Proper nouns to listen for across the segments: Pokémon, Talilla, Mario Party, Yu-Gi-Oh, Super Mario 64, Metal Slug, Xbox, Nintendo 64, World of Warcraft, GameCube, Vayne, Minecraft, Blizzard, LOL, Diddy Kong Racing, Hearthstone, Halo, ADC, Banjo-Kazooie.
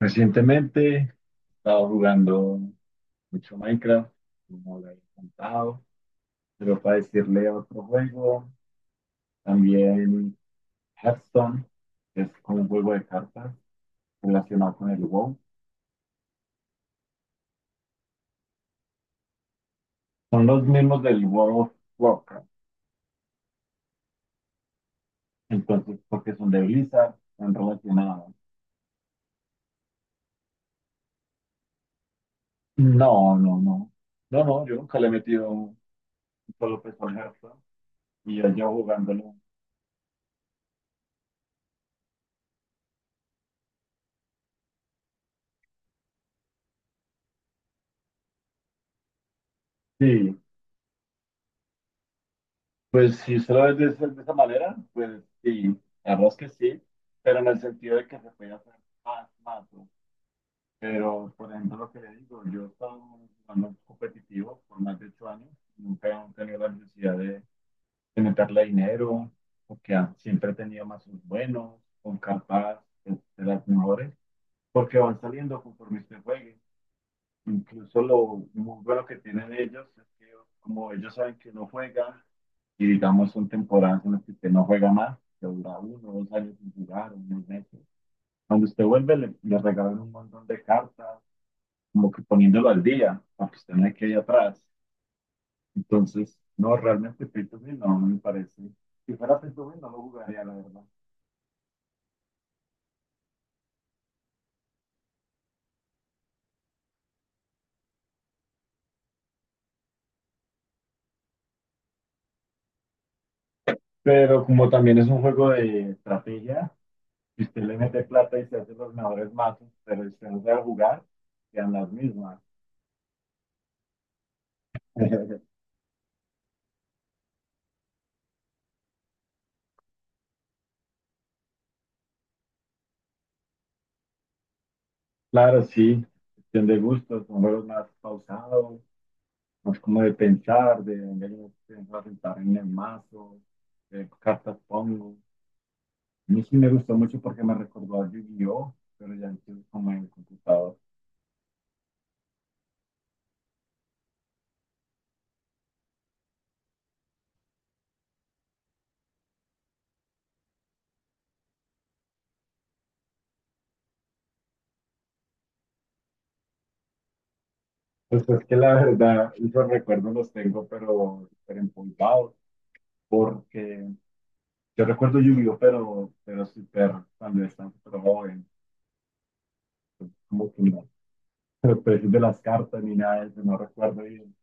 Recientemente he estado jugando mucho Minecraft, como lo he contado, pero para decirle otro juego, también Hearthstone, que es como un juego de cartas relacionado con el WoW. Son los mismos del World of Warcraft, entonces porque son de Blizzard, están relacionados. No, no, no. No, no, yo nunca le he metido un solo peso al Hearthstone y yo llevo jugándolo. Sí, pues si usted lo ve de esa manera, pues sí, la verdad es que sí, pero en el sentido de que se puede hacer más, más, ¿no? Pero, por ejemplo, lo que le digo, yo he estado jugando competitivo por más de 8 años, nunca he tenido la necesidad de meterle dinero, porque siempre he tenido mazos buenos, con cartas de, de las mejores, porque van saliendo conforme usted juegue. Incluso lo muy bueno que tienen ellos es que como ellos saben que uno juega, y digamos son temporadas en las que usted no juega más, que dura uno, o 2 años sin jugar, unos meses. Cuando usted vuelve, le regalan un montón de cartas, como que poniéndolo al día, para que usted no quede atrás. Entonces, no, realmente free to play no me parece. Si fuera free to play, no lo jugaría, la verdad. Pero como también es un juego de estrategia, si usted le mete plata y se hace los mejores mazos, pero si usted no sabe jugar, quedan las mismas. Claro, sí, cuestión de gustos, son juegos más pausados, más como de pensar, de venir a sentar en el mazo, de cartas pongo. A mí sí me gustó mucho porque me recordó a Yu-Gi-Oh, pero ya entonces como en el computador. Pues es que la verdad, esos recuerdos los tengo, pero súper empolvados, porque yo recuerdo Yu-Gi-Oh, pero súper, cuando estaba súper joven, como que no, los precios de las cartas ni nada de eso, no recuerdo bien.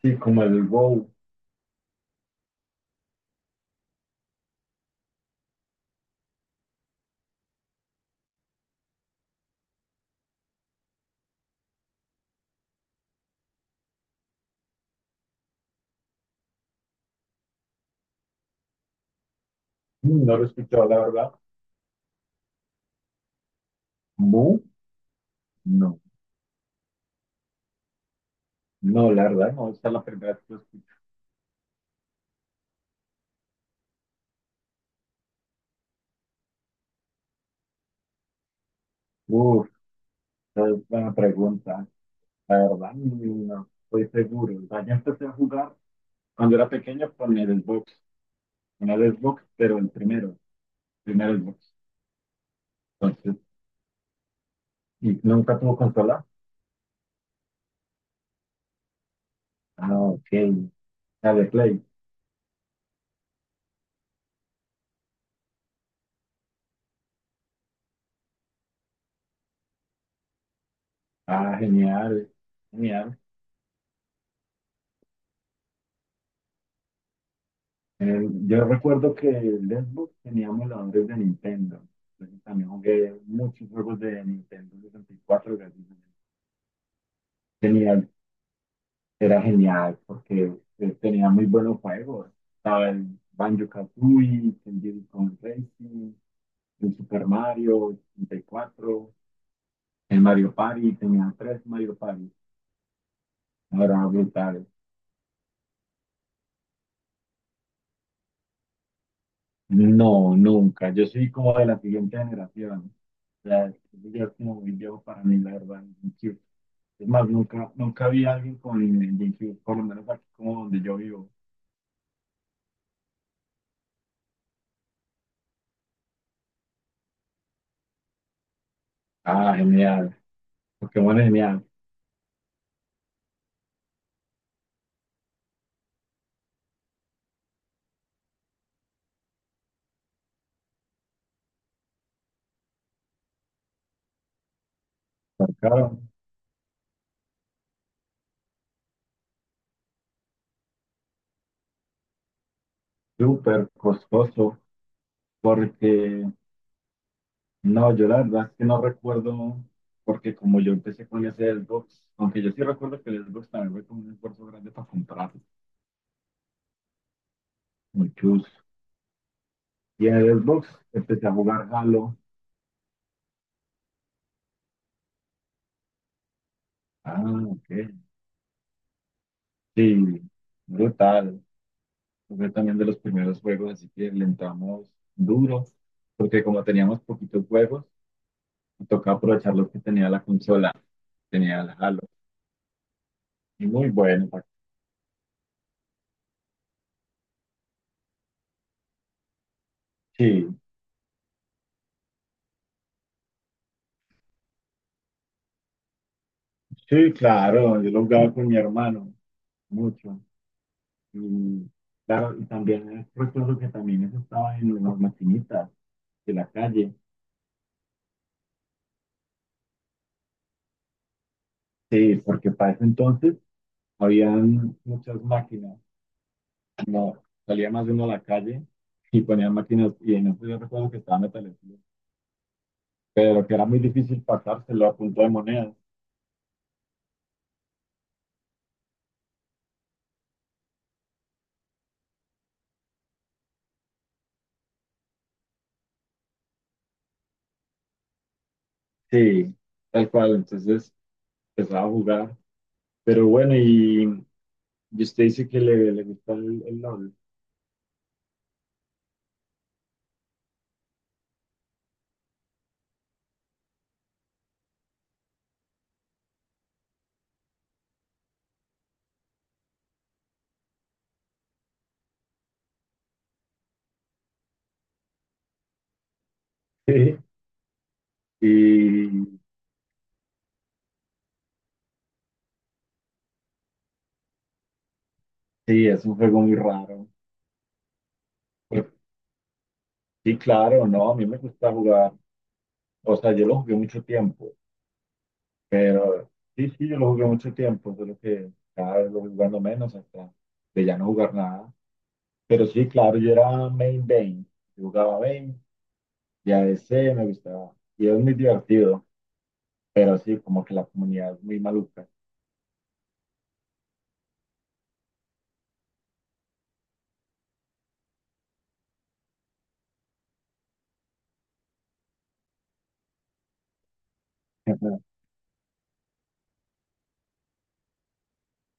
Sí, como el WoW. No lo he escuchado, la verdad. ¿Mu? No. No, la verdad, no, esta es la primera vez que lo escucho. Uf, esa es buena pregunta. La verdad, no estoy seguro. O sea, yo empecé a jugar cuando era pequeño con el Xbox, pero el primer Xbox. Entonces, ¿y nunca tuvo consola? Ok, la de Play. Genial, genial. Yo recuerdo que el Xbox tenía emuladores de Nintendo. Entonces, también jugué muchos juegos de Nintendo 64, gracias a Dios. Tenía Era genial porque tenía muy buenos juegos. Estaba el Banjo-Kazooie, el Diddy Kong Racing, el Super Mario 64, el Mario Party, tenía tres Mario Party. Ahora brutal. No, nunca. Yo soy como de la siguiente generación. O sea, yo es como muy viejo para mí, la verdad, el GameCube. Es más, nunca, nunca vi a alguien con el GameCube, por lo menos aquí como donde yo vivo. Genial. Pokémon es genial. Sacaron súper costoso. Porque, no, yo la verdad es que no recuerdo, porque como yo empecé con ese Xbox, aunque yo sí recuerdo que el Xbox también fue como un esfuerzo grande para comprarlo, muy chus. Y en el Xbox empecé a jugar Halo. Ah, ok. Sí, brutal. Fue también de los primeros juegos, así que le entramos duro, porque como teníamos poquitos juegos, me tocaba aprovechar lo que tenía la consola, tenía el Halo. Y muy bueno. Sí, sí, claro, yo lo jugaba con mi hermano, mucho. Y claro, y también recuerdo que también eso estaba en las maquinitas de la calle. Sí, porque para ese entonces habían muchas máquinas. No, salía más de uno a la calle y ponían máquinas. Y en eso yo recuerdo que estaba Metal Slug, pero que era muy difícil pasárselo a punto de monedas. Sí, tal cual. Entonces empezaba a jugar. Pero bueno, y usted dice que le gusta el LOL. Sí. Y sí, es un juego muy raro. Sí, claro, no, a mí me gusta jugar. O sea, yo lo jugué mucho tiempo, pero sí, sí, yo lo jugué mucho tiempo, solo que cada vez lo voy jugando menos hasta de ya no jugar nada. Pero sí, claro, yo era main Vayne, yo jugaba Vayne y ADC me gustaba. Y es muy divertido, pero sí, como que la comunidad es muy maluca.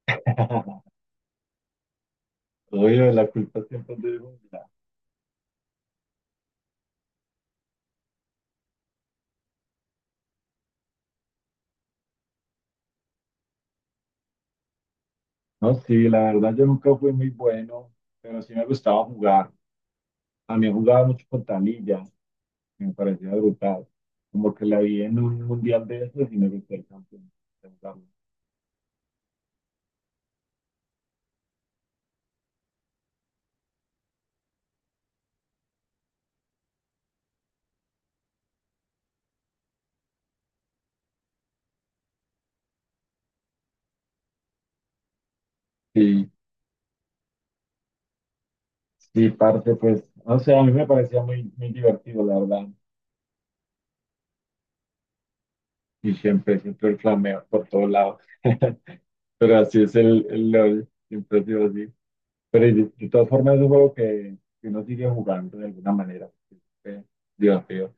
Oye, la culpa siempre es de uno. No, sí, la verdad yo nunca fui muy bueno, pero sí me gustaba jugar. También jugaba mucho con Talilla, me parecía brutal. Como que la vi en un mundial de esos y me gustó el campeón. Sí, sí, parte, pues, o sea, a mí me parecía muy, muy divertido, la verdad. Y siempre, siempre el flameo por todos lados. Pero así es el LOL, siempre ha sido así. Pero de todas formas es un juego que uno sigue jugando de alguna manera, porque es divertido.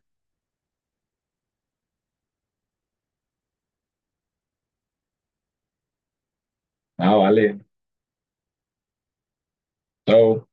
Vale. Chao.